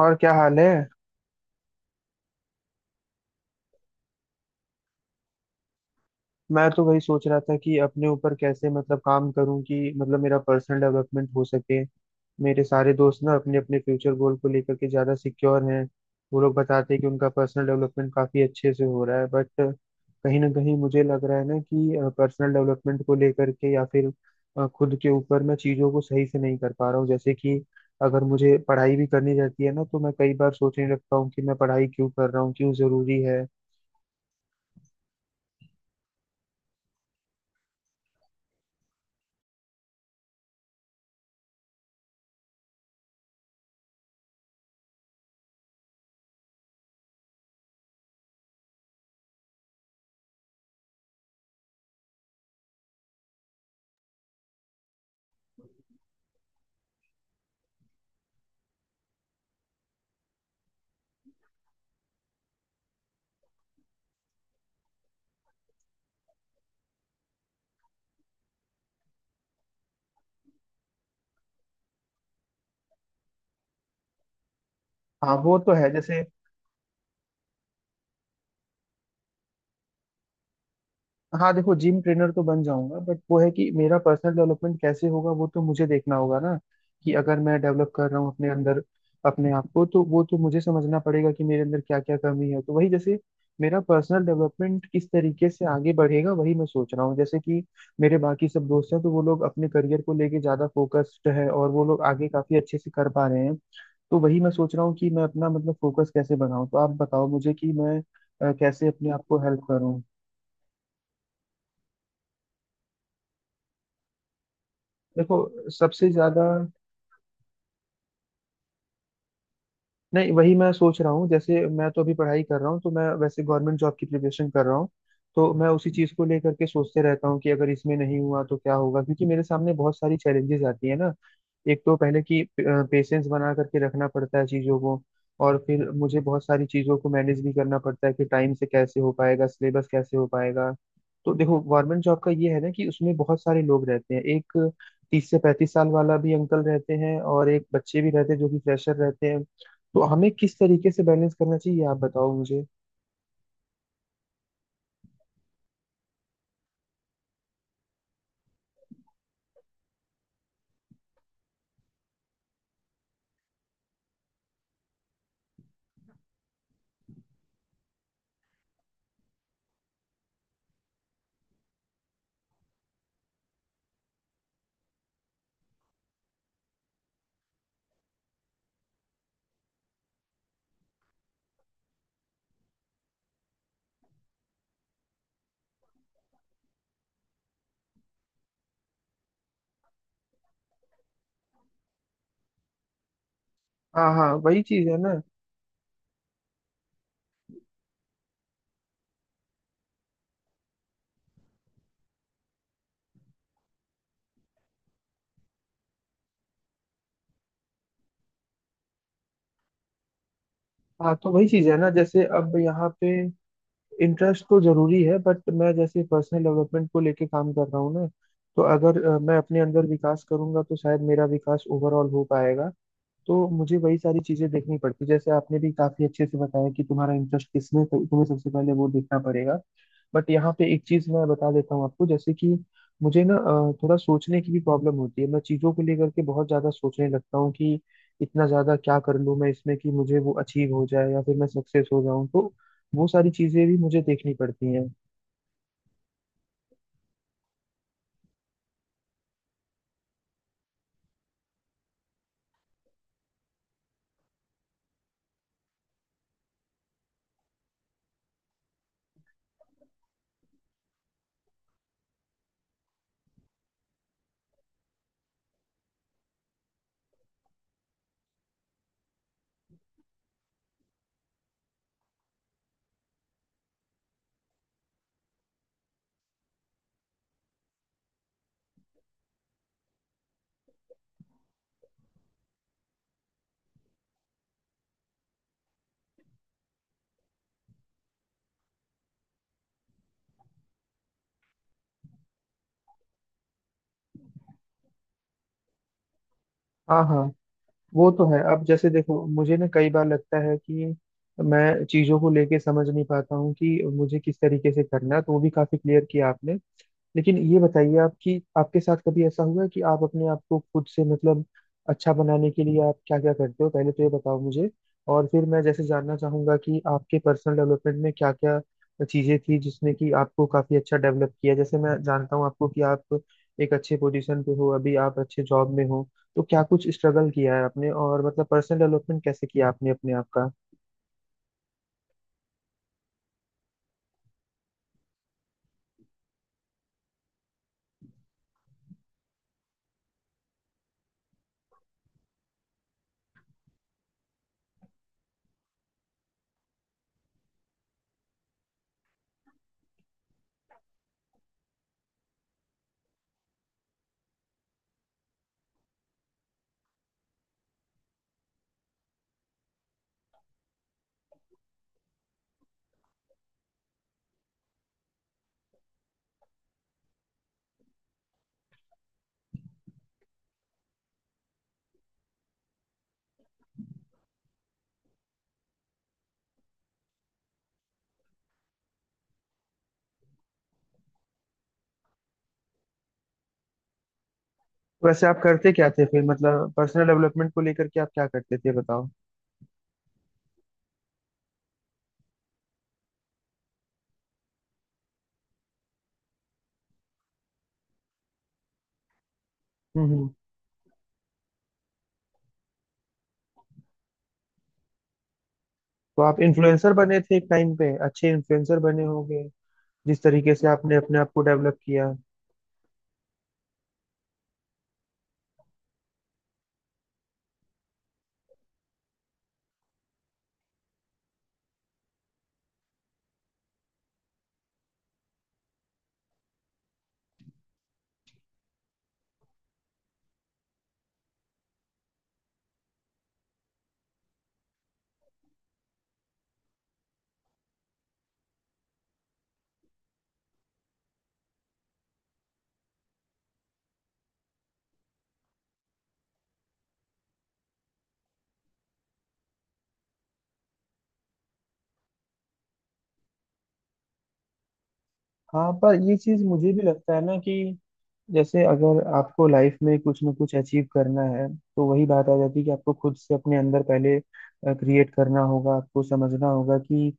और क्या हाल है। मैं तो वही सोच रहा था कि अपने ऊपर कैसे मतलब काम करूं कि मतलब मेरा पर्सनल डेवलपमेंट हो सके। मेरे सारे दोस्त ना अपने अपने फ्यूचर गोल को लेकर के ज्यादा सिक्योर हैं। वो लोग बताते हैं कि उनका पर्सनल डेवलपमेंट काफी अच्छे से हो रहा है, बट कहीं ना कहीं मुझे लग रहा है ना कि पर्सनल डेवलपमेंट को लेकर के या फिर खुद के ऊपर मैं चीजों को सही से नहीं कर पा रहा हूँ। जैसे कि अगर मुझे पढ़ाई भी करनी रहती है ना, तो मैं कई बार सोचने लगता हूँ कि मैं पढ़ाई क्यों कर रहा हूँ, क्यों जरूरी है। हाँ वो तो है। जैसे हाँ देखो, जिम ट्रेनर तो बन जाऊंगा, बट वो है कि मेरा पर्सनल डेवलपमेंट कैसे होगा वो तो मुझे देखना होगा ना। कि अगर मैं डेवलप कर रहा हूँ अपने अंदर अपने आप को, तो वो तो मुझे समझना पड़ेगा कि मेरे अंदर क्या क्या कमी है। तो वही जैसे मेरा पर्सनल डेवलपमेंट किस तरीके से आगे बढ़ेगा वही मैं सोच रहा हूँ। जैसे कि मेरे बाकी सब दोस्त हैं तो वो लोग अपने करियर को लेके ज्यादा फोकस्ड है और वो लोग आगे काफी अच्छे से कर पा रहे हैं। तो वही मैं सोच रहा हूँ कि मैं अपना मतलब फोकस कैसे बनाऊँ। तो आप बताओ मुझे कि मैं कैसे अपने आप को हेल्प करूँ। देखो सबसे ज्यादा, नहीं वही मैं सोच रहा हूँ। जैसे मैं तो अभी पढ़ाई कर रहा हूँ तो मैं वैसे गवर्नमेंट जॉब की प्रिपरेशन कर रहा हूँ। तो मैं उसी चीज़ को लेकर के सोचते रहता हूँ कि अगर इसमें नहीं हुआ तो क्या होगा, क्योंकि मेरे सामने बहुत सारी चैलेंजेस आती है ना। एक तो पहले कि पेशेंस बना करके रखना पड़ता है चीज़ों को, और फिर मुझे बहुत सारी चीज़ों को मैनेज भी करना पड़ता है कि टाइम से कैसे हो पाएगा, सिलेबस कैसे हो पाएगा। तो देखो, गवर्नमेंट जॉब का ये है ना कि उसमें बहुत सारे लोग रहते हैं। एक तीस से पैंतीस साल वाला भी अंकल रहते हैं और एक बच्चे भी रहते हैं जो कि फ्रेशर रहते हैं। तो हमें किस तरीके से बैलेंस करना चाहिए आप बताओ मुझे। हाँ हाँ, वही चीज है ना। हाँ तो वही चीज है ना। जैसे अब यहाँ पे इंटरेस्ट तो जरूरी है, बट मैं जैसे पर्सनल डेवलपमेंट को लेके काम कर रहा हूँ ना। तो अगर मैं अपने अंदर विकास करूंगा तो शायद मेरा विकास ओवरऑल हो पाएगा। तो मुझे वही सारी चीजें देखनी पड़ती। जैसे आपने भी काफी अच्छे से बताया कि तुम्हारा इंटरेस्ट किसमें, तो तुम्हें सबसे पहले वो देखना पड़ेगा। बट यहाँ पे एक चीज मैं बता देता हूँ आपको। जैसे कि मुझे ना थोड़ा सोचने की भी प्रॉब्लम होती है। मैं चीजों को लेकर के बहुत ज्यादा सोचने लगता हूँ कि इतना ज्यादा क्या कर लूँ मैं इसमें कि मुझे वो अचीव हो जाए या फिर मैं सक्सेस हो जाऊँ। तो वो सारी चीजें भी मुझे देखनी पड़ती हैं। हाँ हाँ, वो तो है। अब जैसे देखो मुझे ना कई बार लगता है कि मैं चीजों को लेके समझ नहीं पाता हूँ कि मुझे किस तरीके से करना है, तो वो भी काफी क्लियर किया आपने। लेकिन ये बताइए आप कि आपके साथ कभी ऐसा हुआ है कि आप अपने आप को खुद से मतलब अच्छा बनाने के लिए आप क्या क्या करते हो, पहले तो ये बताओ मुझे। और फिर मैं जैसे जानना चाहूंगा कि आपके पर्सनल डेवलपमेंट में क्या क्या चीजें थी जिसने कि आपको काफी अच्छा डेवलप किया। जैसे मैं जानता हूँ आपको कि आप एक अच्छे पोजीशन पे हो, अभी आप अच्छे जॉब में हो। तो क्या कुछ स्ट्रगल किया है आपने, और मतलब पर्सनल डेवलपमेंट कैसे किया आपने अपने आप का। वैसे आप करते क्या थे फिर, मतलब पर्सनल डेवलपमेंट को लेकर के आप क्या करते थे बताओ। हम्म। तो आप इन्फ्लुएंसर बने थे एक टाइम पे, अच्छे इन्फ्लुएंसर बने होंगे। जिस तरीके से आपने अपने आप को डेवलप किया। हाँ पर ये चीज मुझे भी लगता है ना कि जैसे अगर आपको लाइफ में कुछ ना कुछ अचीव करना है, तो वही बात आ जाती है कि आपको खुद से अपने अंदर पहले क्रिएट करना होगा। आपको समझना होगा कि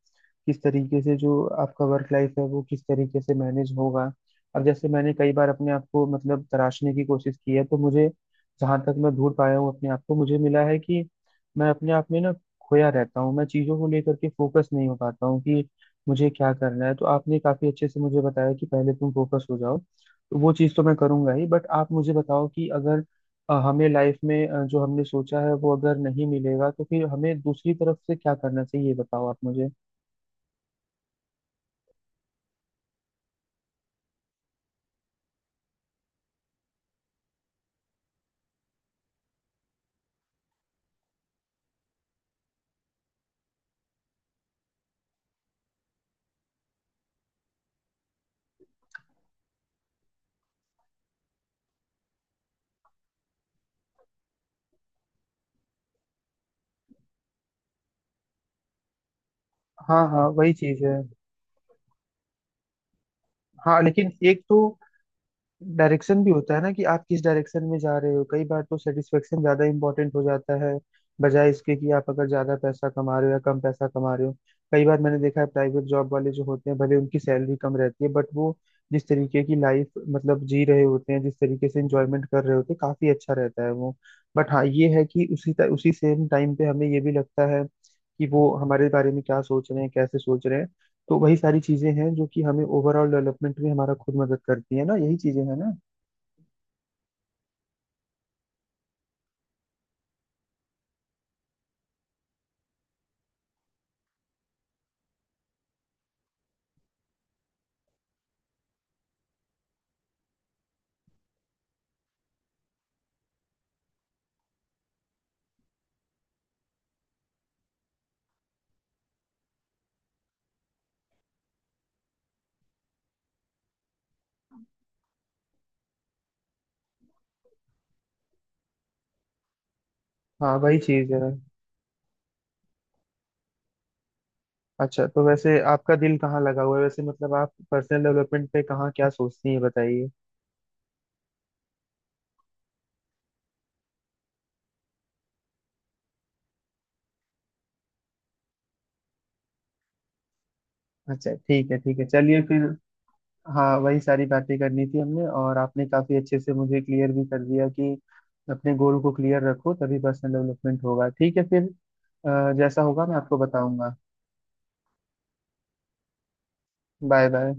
किस तरीके से जो आपका वर्क लाइफ है वो किस तरीके से मैनेज होगा। अब जैसे मैंने कई बार अपने आप को मतलब तराशने की कोशिश की है, तो मुझे जहाँ तक मैं ढूंढ पाया हूँ अपने आप को, मुझे मिला है कि मैं अपने आप में ना खोया रहता हूँ। मैं चीज़ों को लेकर के फोकस नहीं हो पाता हूँ कि मुझे क्या करना है। तो आपने काफी अच्छे से मुझे बताया कि पहले तुम फोकस हो जाओ। तो वो चीज़ तो मैं करूंगा ही, बट आप मुझे बताओ कि अगर हमें लाइफ में जो हमने सोचा है वो अगर नहीं मिलेगा, तो फिर हमें दूसरी तरफ से क्या करना चाहिए ये बताओ आप मुझे। हाँ हाँ, वही चीज़ है। हाँ लेकिन एक तो डायरेक्शन भी होता है ना कि आप किस डायरेक्शन में जा रहे हो। कई बार तो सेटिस्फेक्शन ज्यादा इंपॉर्टेंट हो जाता है बजाय इसके कि आप अगर ज्यादा पैसा कमा रहे हो या कम पैसा कमा रहे हो। कई बार मैंने देखा है प्राइवेट जॉब वाले जो होते हैं भले उनकी सैलरी कम रहती है, बट वो जिस तरीके की लाइफ मतलब जी रहे होते हैं, जिस तरीके से इंजॉयमेंट कर रहे होते हैं, काफी अच्छा रहता है वो। बट हाँ ये है कि उसी सेम टाइम पे हमें ये भी लगता है कि वो हमारे बारे में क्या सोच रहे हैं, कैसे सोच रहे हैं। तो वही सारी चीजें हैं जो कि हमें ओवरऑल डेवलपमेंट में हमारा खुद मदद करती है ना, यही चीजें हैं ना। हाँ वही चीज है। अच्छा तो वैसे आपका दिल कहाँ लगा हुआ है, वैसे मतलब आप पर्सनल डेवलपमेंट पे कहाँ क्या सोचती हैं बताइए। अच्छा ठीक है, ठीक है चलिए फिर। हाँ वही सारी बातें करनी थी हमने, और आपने काफी अच्छे से मुझे क्लियर भी कर दिया कि अपने गोल को क्लियर रखो तभी पर्सनल डेवलपमेंट होगा। ठीक है फिर, जैसा होगा मैं आपको बताऊंगा। Bye bye.